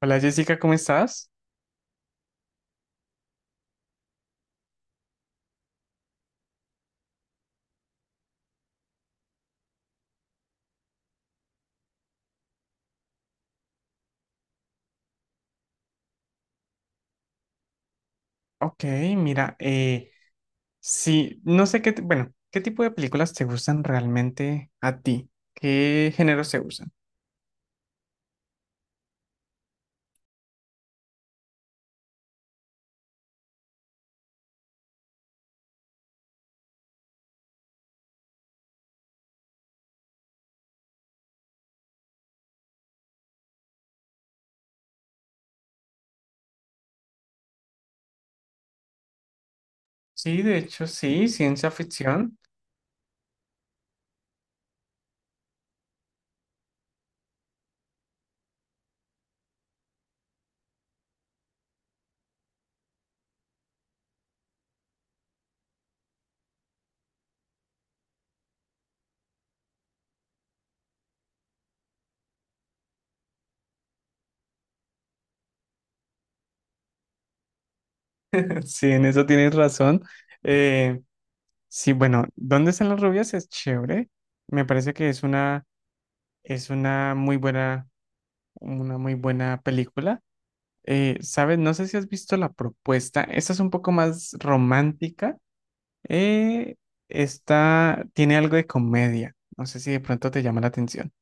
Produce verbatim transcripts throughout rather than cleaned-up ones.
Hola Jessica, ¿cómo estás? Ok, mira, eh, sí, no sé qué, t- bueno, ¿qué tipo de películas te gustan realmente a ti? ¿Qué géneros te gustan? Sí, de hecho, sí, ciencia ficción. Sí, en eso tienes razón. Eh, sí, bueno, ¿dónde están las rubias? Es chévere. Me parece que es una, es una muy buena, una muy buena película. Eh, ¿sabes? No sé si has visto La Propuesta. Esta es un poco más romántica. Eh, Está, tiene algo de comedia. No sé si de pronto te llama la atención.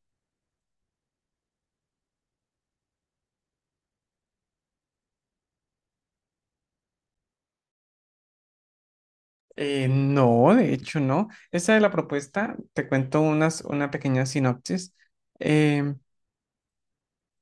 Eh, no, de hecho no. Esa es la propuesta. Te cuento unas, una pequeña sinopsis. Eh,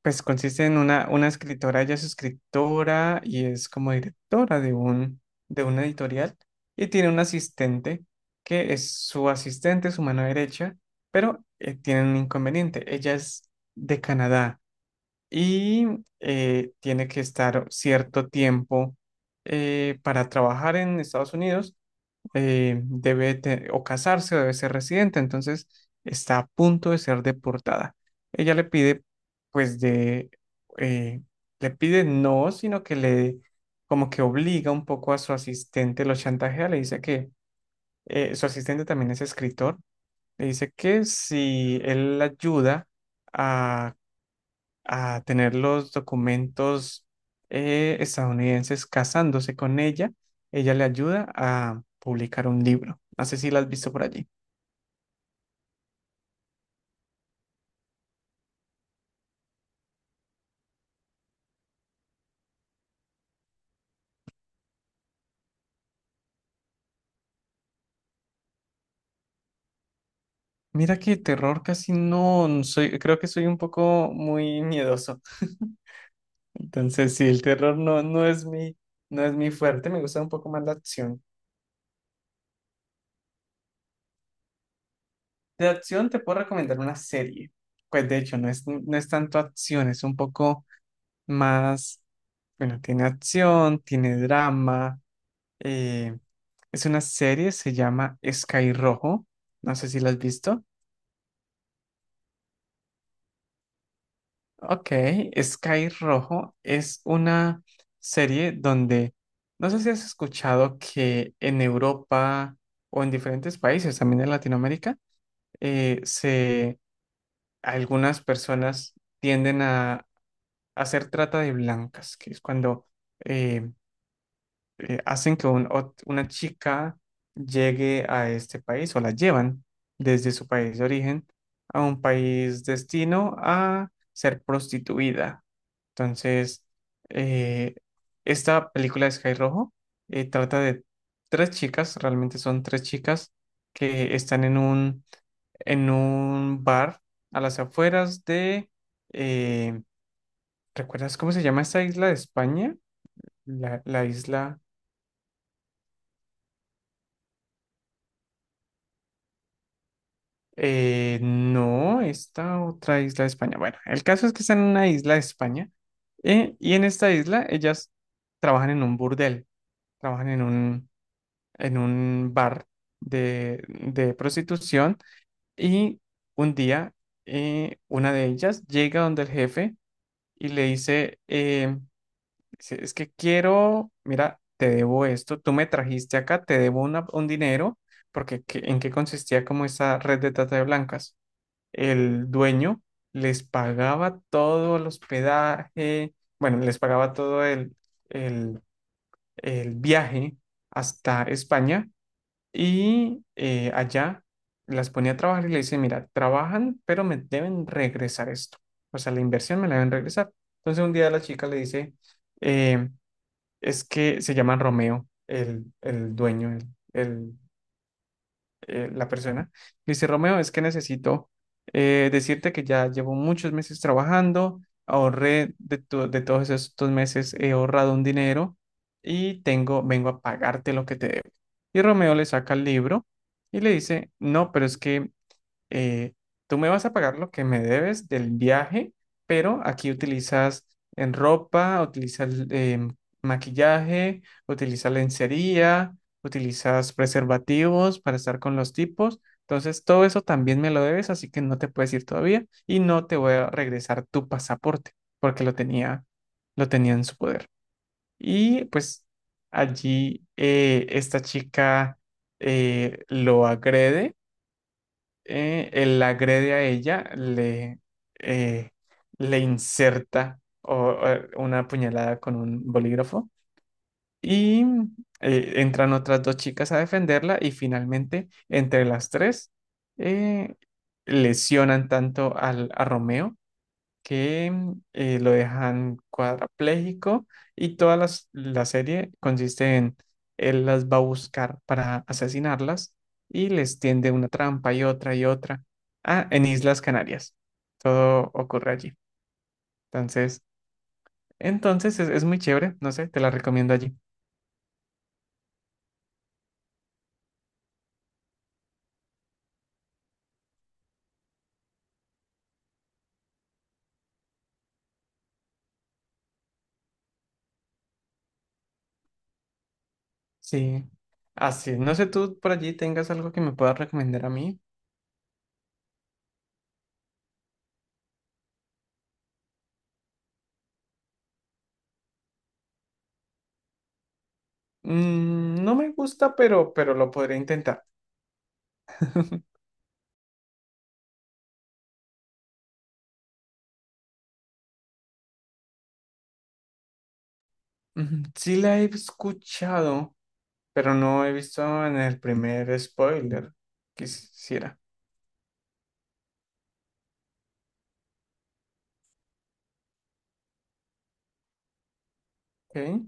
pues consiste en una, una escritora, ella es escritora y es como directora de un, de una editorial, y tiene un asistente que es su asistente, su mano derecha, pero eh, tiene un inconveniente. Ella es de Canadá, y eh, tiene que estar cierto tiempo eh, para trabajar en Estados Unidos. Eh, debe te- o casarse o debe ser residente, entonces está a punto de ser deportada. Ella le pide, pues de, eh, le pide no, sino que le, como que obliga un poco a su asistente, lo chantajea, le dice que eh, su asistente también es escritor, le dice que si él la ayuda, a a tener los documentos eh, estadounidenses casándose con ella, ella le ayuda a publicar un libro. No sé si la has visto por allí. Mira que terror casi no, no soy, creo que soy un poco muy miedoso. Entonces, sí, el terror no, no es mi, no es mi fuerte, me gusta un poco más la acción. De acción te puedo recomendar una serie. Pues de hecho, no es, no es tanto acción, es un poco más, bueno, tiene acción, tiene drama. Eh, es una serie, se llama Sky Rojo. No sé si la has visto. Ok, Sky Rojo es una serie donde, no sé si has escuchado que en Europa o en diferentes países, también en Latinoamérica, eh, se, algunas personas tienden a hacer trata de blancas, que es cuando eh, eh, hacen que un ot- una chica llegue a este país o la llevan desde su país de origen a un país destino a ser prostituida. Entonces, eh, esta película de Sky Rojo eh, trata de tres chicas, realmente son tres chicas que están en un, en un bar a las afueras de... eh, ¿recuerdas cómo se llama esta isla de España? La, la isla... Eh, no, esta otra isla de España. Bueno, el caso es que está en una isla de España, eh, y en esta isla ellas trabajan en un burdel, trabajan en un, en un bar de, de prostitución, y un día eh, una de ellas llega donde el jefe y le dice, eh, dice, es que quiero, mira, te debo esto, tú me trajiste acá, te debo una- un dinero, porque ¿qué- ¿en qué consistía como esa red de trata de blancas? El dueño les pagaba todo el hospedaje, bueno, les pagaba todo el, el- el viaje hasta España, y eh, allá las ponía a trabajar y le dice, mira, trabajan, pero me deben regresar esto. O sea, la inversión me la deben regresar. Entonces un día la chica le dice, eh, es que se llama Romeo, el, el dueño, el, el eh, la persona. Me dice, Romeo, es que necesito eh, decirte que ya llevo muchos meses trabajando, ahorré de, to- de todos estos meses, he ahorrado un dinero y tengo, vengo a pagarte lo que te debo. Y Romeo le saca el libro y le dice, no, pero es que eh, tú me vas a pagar lo que me debes del viaje, pero aquí utilizas en ropa, utilizas em, maquillaje, utilizas lencería, utilizas preservativos para estar con los tipos. Entonces, todo eso también me lo debes, así que no te puedes ir todavía y no te voy a regresar tu pasaporte porque lo tenía, lo tenía en su poder. Y pues allí eh, esta chica eh, lo agrede, eh, él la agrede a ella, le, eh, le inserta o- o una puñalada con un bolígrafo, y eh, entran otras dos chicas a defenderla y finalmente entre las tres eh, lesionan tanto al, a Romeo que mm, eh, lo dejan cuadrapléjico, y toda las- la serie consiste en él las va a buscar para asesinarlas y les tiende una trampa y otra y otra. Ah, en Islas Canarias. Todo ocurre allí. Entonces, entonces es, es muy chévere, no sé, te la recomiendo allí. Sí. Así, no sé, tú por allí tengas algo que me puedas recomendar a mí. Mm, no me gusta, pero, pero lo podré intentar. Ujú, sí la he escuchado, pero no he visto en el primer spoiler. Quisiera. Ok,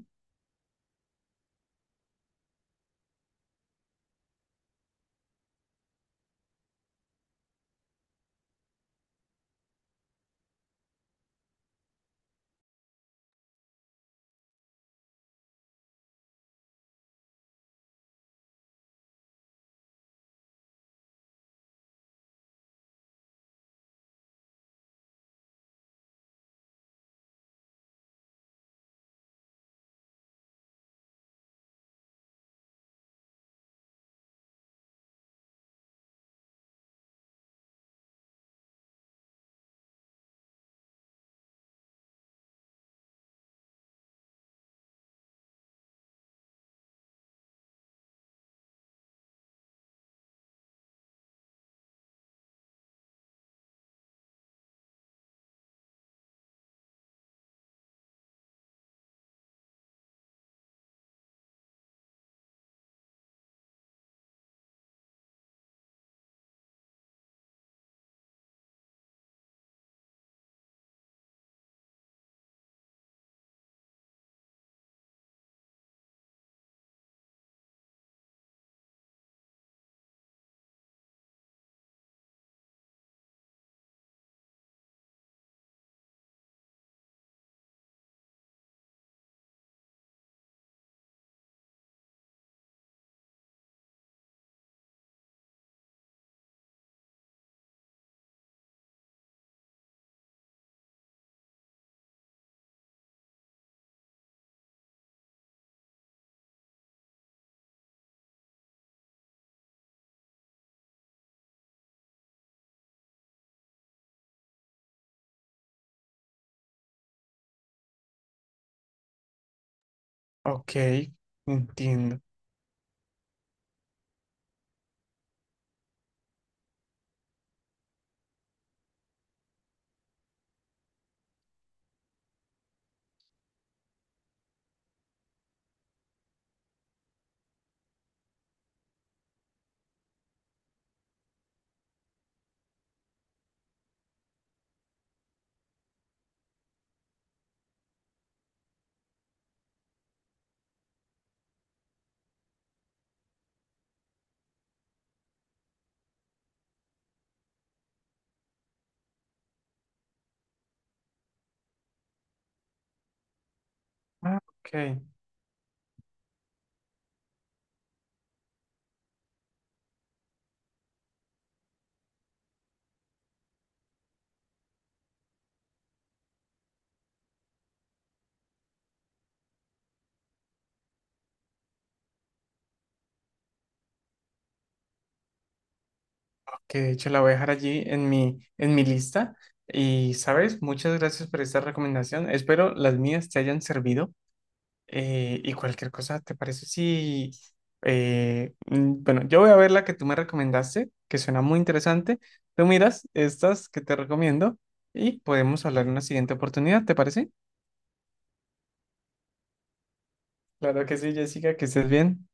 ok, entiendo. Ah, ok, ok, de hecho la voy a dejar allí en mi, en mi lista. Y, ¿sabes? Muchas gracias por esta recomendación. Espero las mías te hayan servido. Eh, y cualquier cosa, ¿te parece si... eh, mm, bueno, yo voy a ver la que tú me recomendaste, que suena muy interesante. Tú miras estas que te recomiendo y podemos hablar en una siguiente oportunidad, ¿te parece? Claro que sí, Jessica, que estés bien.